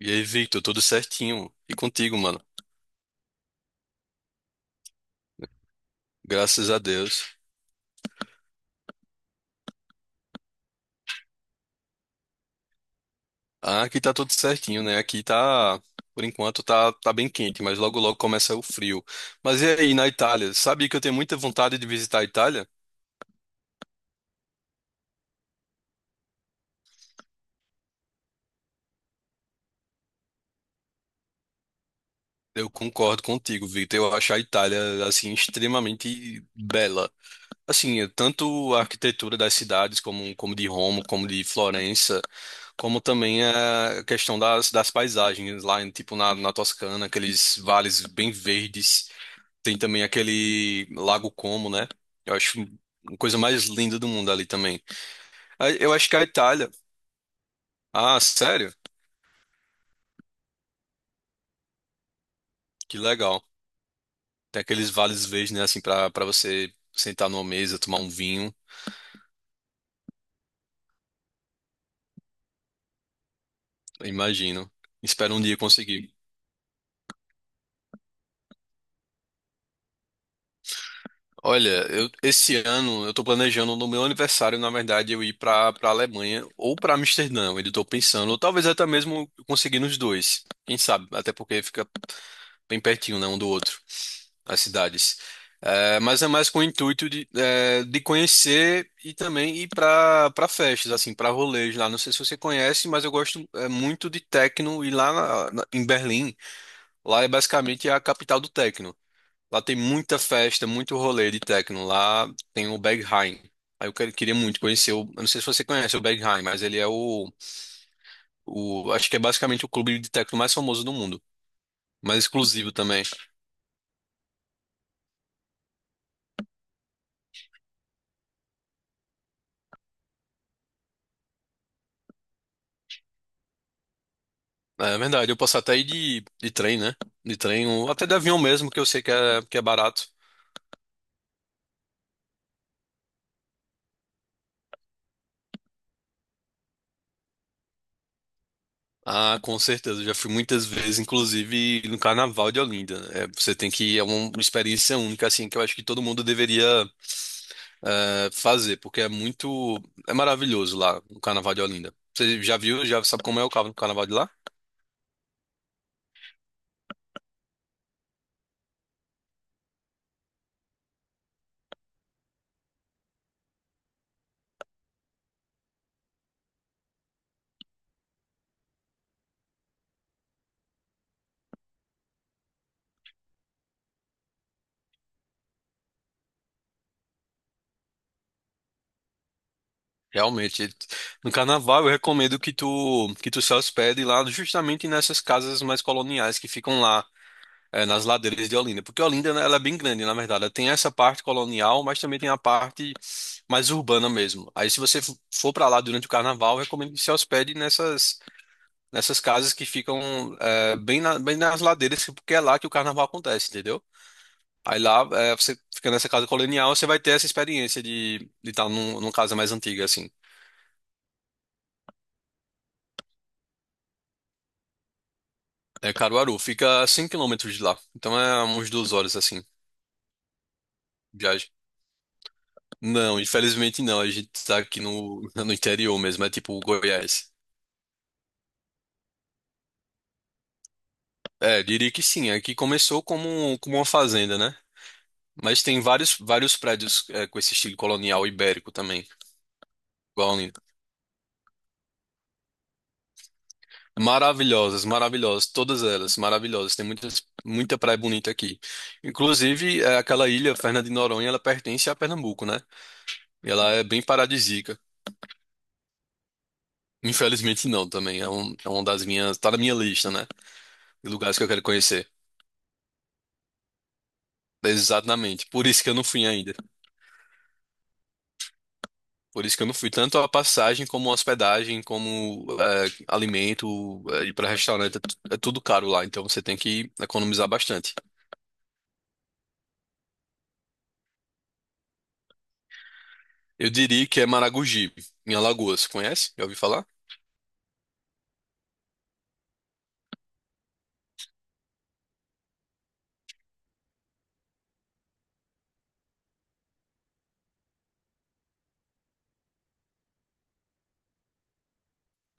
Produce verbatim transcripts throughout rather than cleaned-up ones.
E aí, Victor, tudo certinho? E contigo, mano? Graças a Deus. Ah, aqui tá tudo certinho, né? Aqui tá, por enquanto, tá, tá bem quente, mas logo logo começa o frio. Mas e aí, na Itália? Sabe que eu tenho muita vontade de visitar a Itália? Eu concordo contigo, Victor. Eu acho a Itália, assim, extremamente bela. Assim, tanto a arquitetura das cidades, como, como de Roma, como de Florença, como também a questão das, das paisagens lá, tipo na, na Toscana, aqueles vales bem verdes. Tem também aquele Lago Como, né? Eu acho uma coisa mais linda do mundo ali também. Ah, eu acho que a Itália. Ah, sério? Que legal. Tem aqueles vales verdes, né? Assim, pra, pra você sentar numa mesa, tomar um vinho. Eu imagino. Espero um dia conseguir. Olha, eu, esse ano eu tô planejando no meu aniversário, na verdade, eu ir pra, pra Alemanha ou pra Amsterdã. Eu ainda tô pensando, ou talvez até mesmo eu conseguir nos dois. Quem sabe? Até porque fica bem pertinho, né, um do outro, as cidades. É, mas é mais com o intuito de, é, de conhecer e também ir para para festas, assim, para rolês lá. Não sei se você conhece, mas eu gosto é, muito de techno e lá na- na- em Berlim, lá é basicamente a capital do techno. Lá tem muita festa, muito rolê de techno. Lá tem o Berghain. Aí eu quero- queria muito conhecer o. Eu não sei se você conhece o Berghain, mas ele é o, o. Acho que é basicamente o clube de techno mais famoso do mundo. Mais exclusivo também. É verdade, eu posso até ir de, de trem, né? De trem, ou até de avião mesmo, que eu sei que é, que é barato. Ah, com certeza, eu já fui muitas vezes, inclusive no Carnaval de Olinda, né? É, você tem que, é uma experiência única, assim, que eu acho que todo mundo deveria eh, fazer, porque é muito, é maravilhoso lá, o Carnaval de Olinda. Você já viu, já sabe como é o carna- Carnaval de lá? Realmente, no carnaval eu recomendo que tu que tu se hospede lá justamente nessas casas mais coloniais que ficam lá eh, nas ladeiras de Olinda, porque Olinda, né, ela é bem grande, na verdade, ela tem essa parte colonial, mas também tem a parte mais urbana mesmo. Aí se você fo- for para lá durante o carnaval, eu recomendo que se hospede nessas nessas casas que ficam eh, bem na- bem nas ladeiras, porque é lá que o carnaval acontece, entendeu? Aí lá, eh, você fica nessa casa colonial, você vai ter essa experiência de estar de tá num, numa casa mais antiga, assim. É Caruaru, fica a cem quilômetros de lá. Então é umas duas horas assim, viagem. Não, infelizmente não. A gente tá aqui no, no interior mesmo, é tipo Goiás. É, diria que sim. Aqui começou como, como uma fazenda, né? Mas tem vários, vários prédios é, com esse estilo colonial ibérico também. Igual a Olinda. Maravilhosas, maravilhosas, todas elas maravilhosas. Tem muitas, muita praia bonita aqui. Inclusive, é, aquela ilha, Fernando de Noronha, ela pertence a Pernambuco, né? E ela é bem paradisíaca. Infelizmente não, também. É, um, é uma das minhas. Tá na minha lista, né? De lugares que eu quero conhecer. Exatamente. Por isso que eu não fui ainda. Por isso que eu não fui. Tanto a passagem, como a hospedagem, como é, alimento, é, ir pra restaurante. É, tu- é tudo caro lá. Então você tem que economizar bastante. Eu diria que é Maragogi, em Alagoas. Conhece? Já ouviu falar?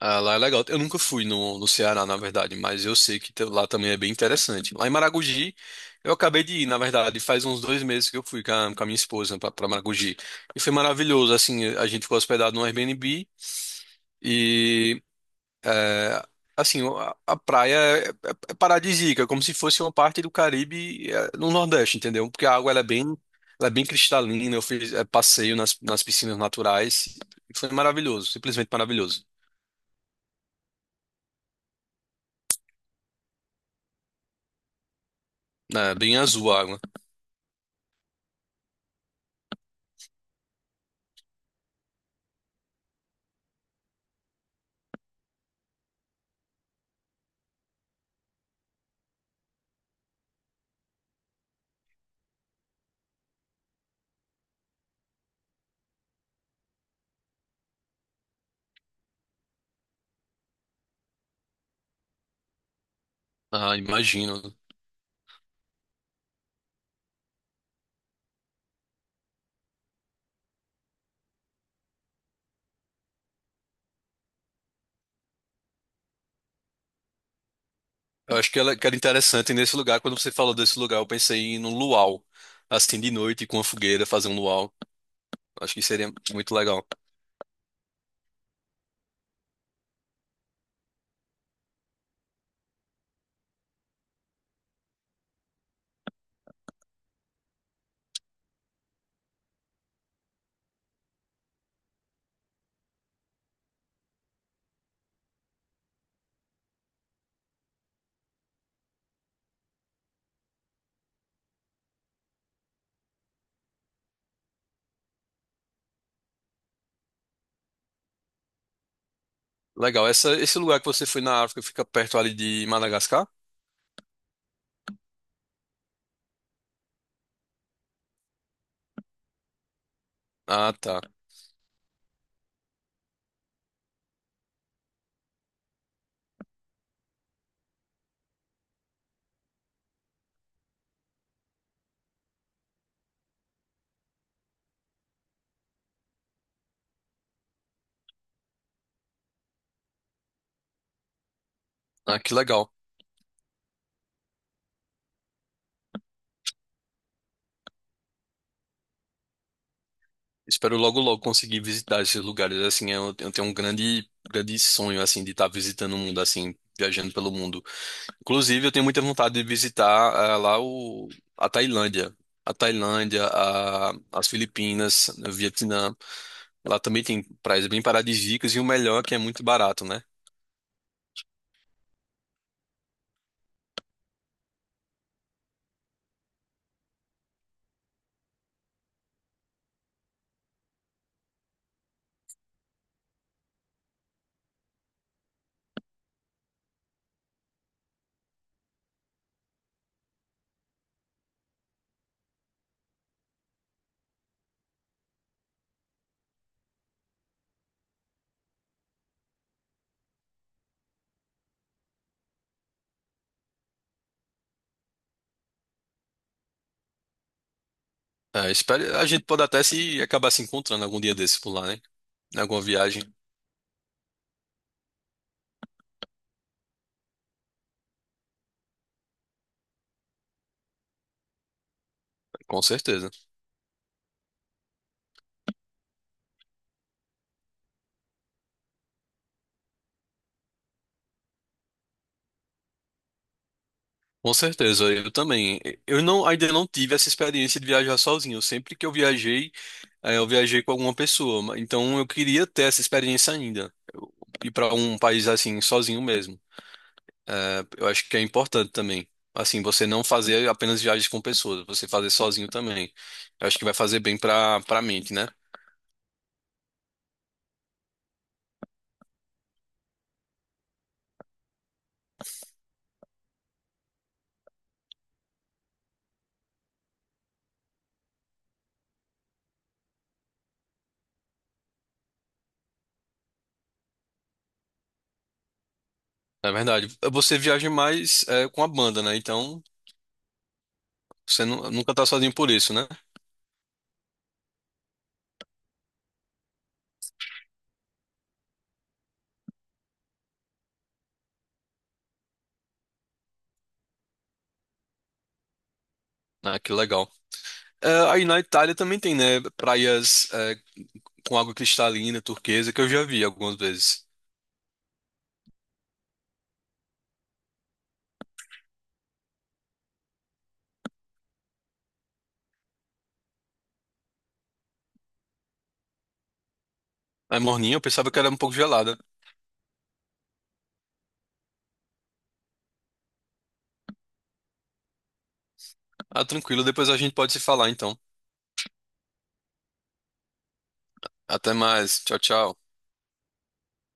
Ah, lá é legal. Eu nunca fui no, no Ceará, na verdade, mas eu sei que te- lá também é bem interessante. Lá em Maragogi, eu acabei de ir, na verdade, faz uns dois meses que eu fui com a, com a minha esposa para Maragogi. E foi maravilhoso, assim, a gente ficou hospedado no Airbnb e, é, assim, a, a praia é, é, é paradisíaca, como se fosse uma parte do Caribe, é, no Nordeste, entendeu? Porque a água, ela é bem, ela é bem cristalina, eu fiz, é, passeio nas, nas piscinas naturais, e foi maravilhoso, simplesmente maravilhoso. É, bem azul a água. Ah, imagino. Eu acho que ela, que era interessante nesse lugar. Quando você falou desse lugar, eu pensei em um luau. Assim, de noite, com a fogueira, fazer um luau. Acho que seria muito legal. Legal. Essa, esse lugar que você foi na África fica perto ali de Madagascar? Ah, tá. Ah, que legal. Espero logo, logo conseguir visitar esses lugares. Assim, eu, eu tenho um grande, grande sonho, assim, de estar visitando o mundo, assim, viajando pelo mundo. Inclusive, eu tenho muita vontade de visitar eh, lá o, a Tailândia. A Tailândia, a- as Filipinas, né, o Vietnã. Lá também tem praias bem paradisíacas e o melhor é que é muito barato, né? Eh, espero, a gente pode até se acabar se encontrando algum dia desse por lá, né? Em alguma viagem, com certeza. Com certeza, eu também. Eu não, Ainda não tive essa experiência de viajar sozinho. Sempre que eu viajei, eh, eu viajei com alguma pessoa. Então eu queria ter essa experiência ainda. Ir para um país assim, sozinho mesmo. É, eu acho que é importante também. Assim, você não fazer apenas viagens com pessoas, você fazer sozinho também. Eu acho que vai fazer bem pra, pra mente, né? Na verdade, você viaja mais é, com a banda, né? Então, você nu- nunca tá sozinho por isso, né? Ah, que legal. É, aí na Itália também tem, né? Praias é, com água cristalina, turquesa, que eu já vi algumas vezes. A morninha eu pensava que era um pouco gelada. Ah, tranquilo, depois a gente pode se falar, então. Até mais. Tchau, tchau.